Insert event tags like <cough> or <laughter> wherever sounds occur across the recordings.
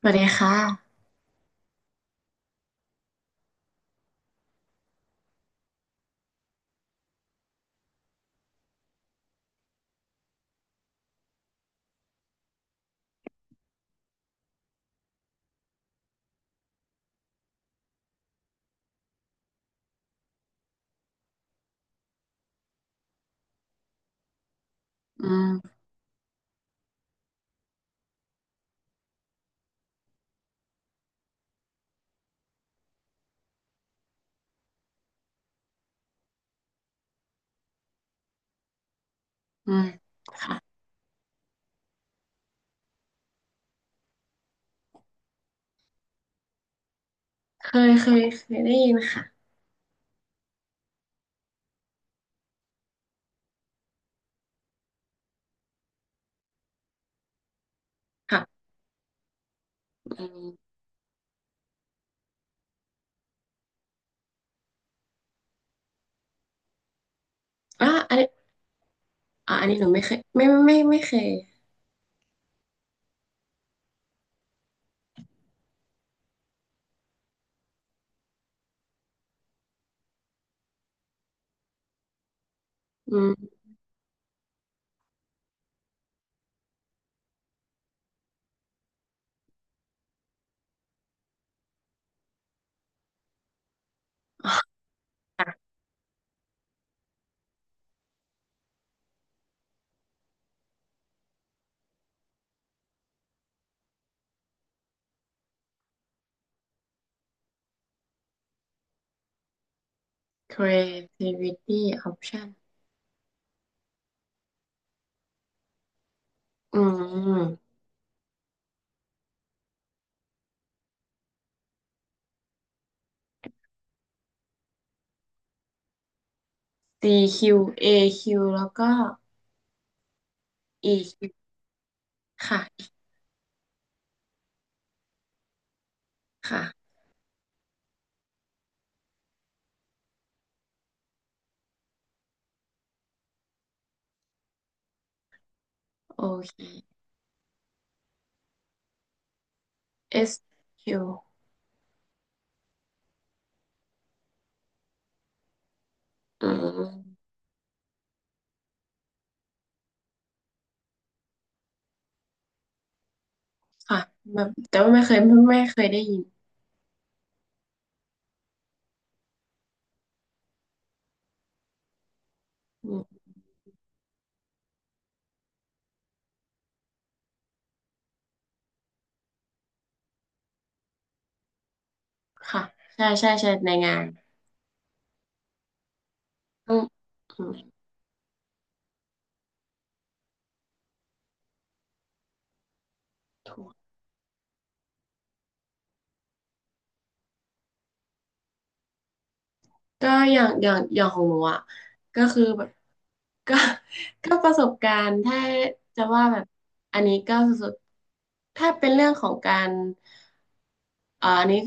สวัสดีค่ะอืมอืมค่ะ เคยได้ยินค่ะค่ะอืมอ่ะอันนี้อ่ะอันนี้หนูไม่เคยไม่ไม่ไม่ไม่เคยอืม creativity option อืม CQ AQ แล้วก็ EQ ควค่ะค่ะโอเค SQ อสคิวอืมค่ะแบบแต่ว่าไม่เคยได้ยินอืมค่ะใช่ใช่ใช่ในงานอืมอืม ก็อย่างของหนูอ่ะก็คือแบบ <laughs> ก็ก็ประสบการณ์ถ้าจะว่าแบบอันนี้ก็สุดๆถ้าเป็นเรื่องของการอันนี้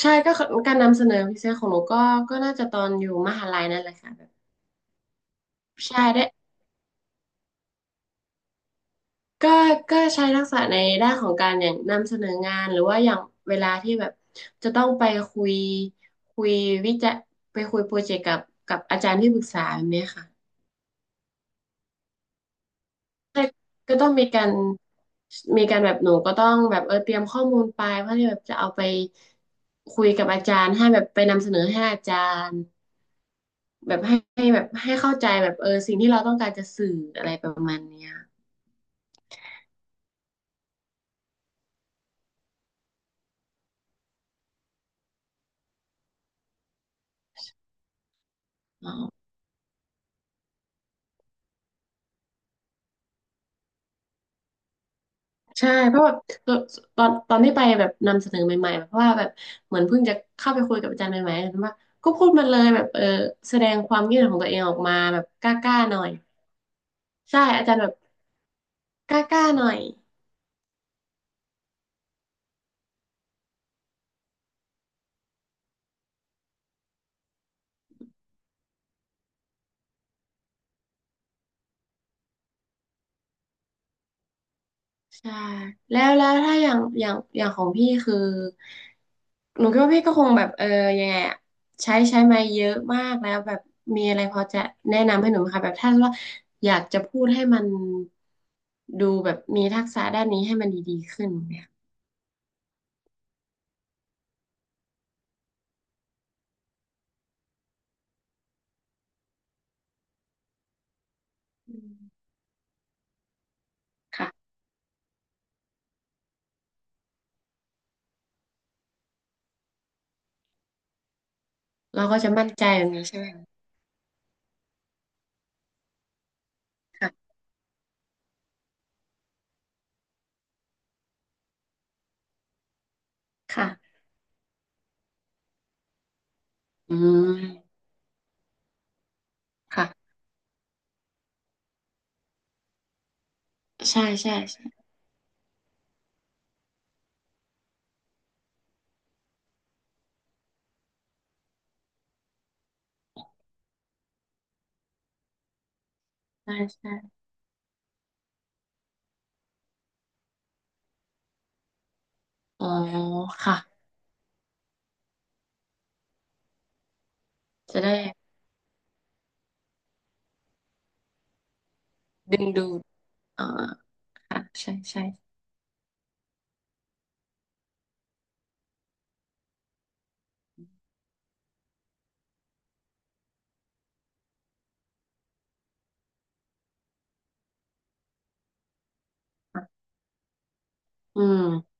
ใช่ก็คือการนำเสนอพิเศษของหนูก็ก็น่าจะตอนอยู่มหาลัยนั่นแหละค่ะแบบใช่ได้ก็ก็ใช้ทักษะในด้านของการอย่างนำเสนองานหรือว่าอย่างเวลาที่แบบจะต้องไปคุยคุยวิจัยไปคุยโปรเจกต์กับกับอาจารย์ที่ปรึกษาแบบเนี้ยค่ะ ใช่ก็ต้องมีการมีการแบบหนูก็ต้องแบบเตรียมข้อมูลไปเพื่อที่แบบจะเอาไปคุยกับอาจารย์ให้แบบไปนำเสนอให้อาจารย์แบบให้ให้แบบให้เข้าใจแบบสิ่งที่เราต้องการจะสื่ออะไรประมาณเนี้ยอ๋อใช่เพราะแบบตอนตอนที่ไปแบบนำเสนอใหม่ๆแบบเพราะว่าแบบเหมือนเพิ่งจะเข้าไปคุยกับอาจารย์ใหม่ๆเห็นว่าก็พูดมาเลยแบบแสดงความคิดเห็นของตัวเองออกมาแบบกล้าๆหน่อยใช่อาจารย์แบบกล้าๆหน่อย ใช่แล้วถ้าอย่างของพี่คือหนูคิดว่าพี่ก็คงแบบยังไงอะใช้มาเยอะมากแล้วแบบมีอะไรพอจะแนะนำให้หนูไหมคะแบบถ้าว่าอยากจะพูดให้มันดูแบบมีทักษะด้านนี้ให้มันดีๆขึ้นเนี่ยอืมค่ะเราก็จะมั่นใจแบบนี้ใช่ไหมค่ะค่ะอืมค่ะใช่ใช่ใช่ใช่ใช่อ๋อค่ะจะได้ดึงดูดอ่าค่ะใช่ใช่อืม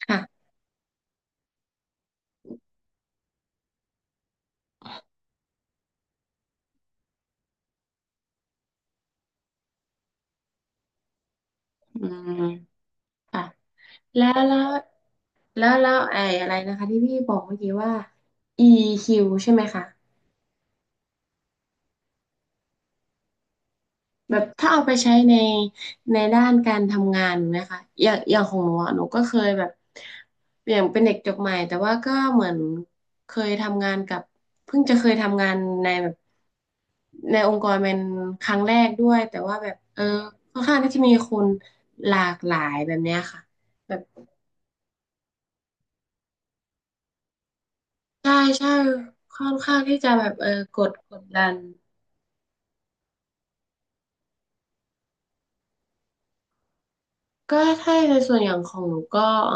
ค่ะ อืมอ่ะแล้วแล้วแล้วไอ้อะไรนะคะที่พี่บอกเมื่อกี้ว่า EQ ใช่ไหมคะแบบถ้าเอาไปใช้ในด้านการทำงานนะคะอย่างอย่างของหนูอะหนูก็เคยแบบอย่างเป็นเด็กจบใหม่แต่ว่าก็เหมือนเคยทำงานกับเพิ่งจะเคยทำงานในแบบในองค์กรเป็นครั้งแรกด้วยแต่ว่าแบบค่อนข้างที่จะมีคนหลากหลายแบบเนี้ยค่ะ ใช่ใช่ค่อนข้างที่จะแบบกดดันก็ถ้าในส่วนอย่างของหนูก็เอ่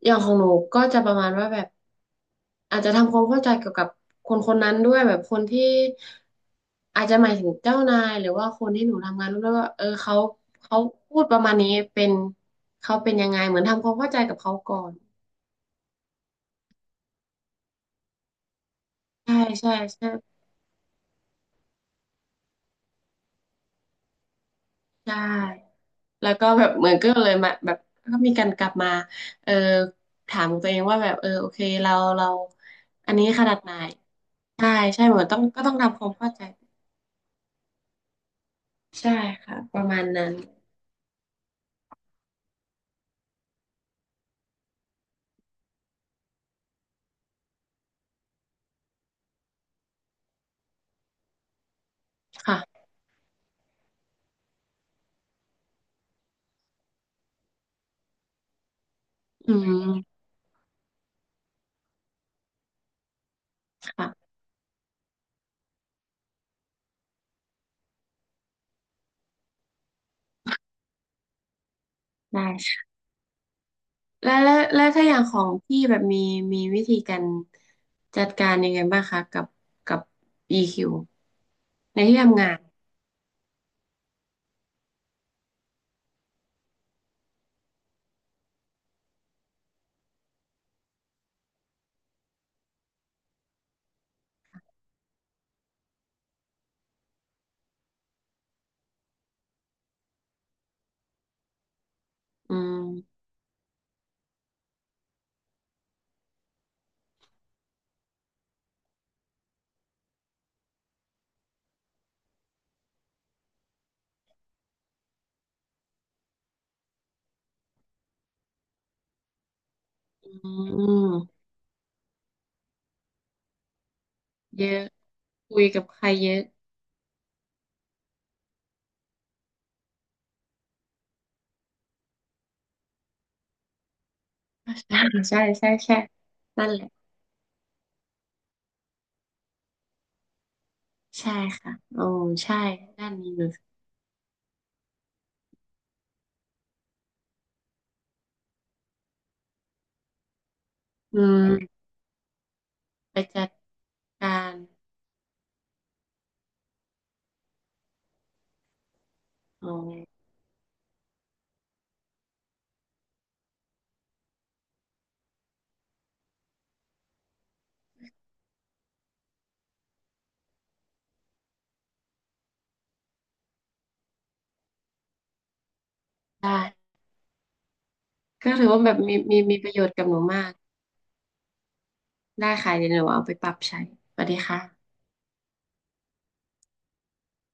อย่างของหนูก็จะประมาณว่าแบบอาจจะทำความเข้าใจเกี่ยวกับคนคนนั้นด้วยแบบคนที่อาจจะหมายถึงเจ้านายหรือว่าคนที่หนูทำงานร่วมด้วยว่าเขาเขาพูดประมาณนี้เป็นเขาเป็นยังไงเหมือนทำความเข้าใจกับเขาก่อนใช่ใช่ใช่ใช่ แล้วก็แบบเหมือนก็เลยมาแบบก็มีการกลับมาเออถามตัวเองว่าแบบโอเคเราอันนี้ขนาดไหนใช่ใช่เหมือนต้องก็ต้องทำความเข้าใจใช่ค่ะประมาณนั้นค่ะอืมค่ะได้ค่ะแล้วถ้าอย่างของพี่แบบมีวิธีการจัดการยังไงบ้างคะกับกับ EQ ในที่ทำงานอืมอืมอืมเยอะคุยกับใครเยอะใช่ใช่ใช่ใช่นั่นแหละ ใช่ค่ะ โอ้ ใช่ด้านนี้หนูอืมไปจัดการ โอ้ได้ก็ถือว่าแบบมีประโยชน์กับหนูมาก ได้ค่ะเดี๋ยวหนูเอาไปปรับใช้สวัสดีค่ะ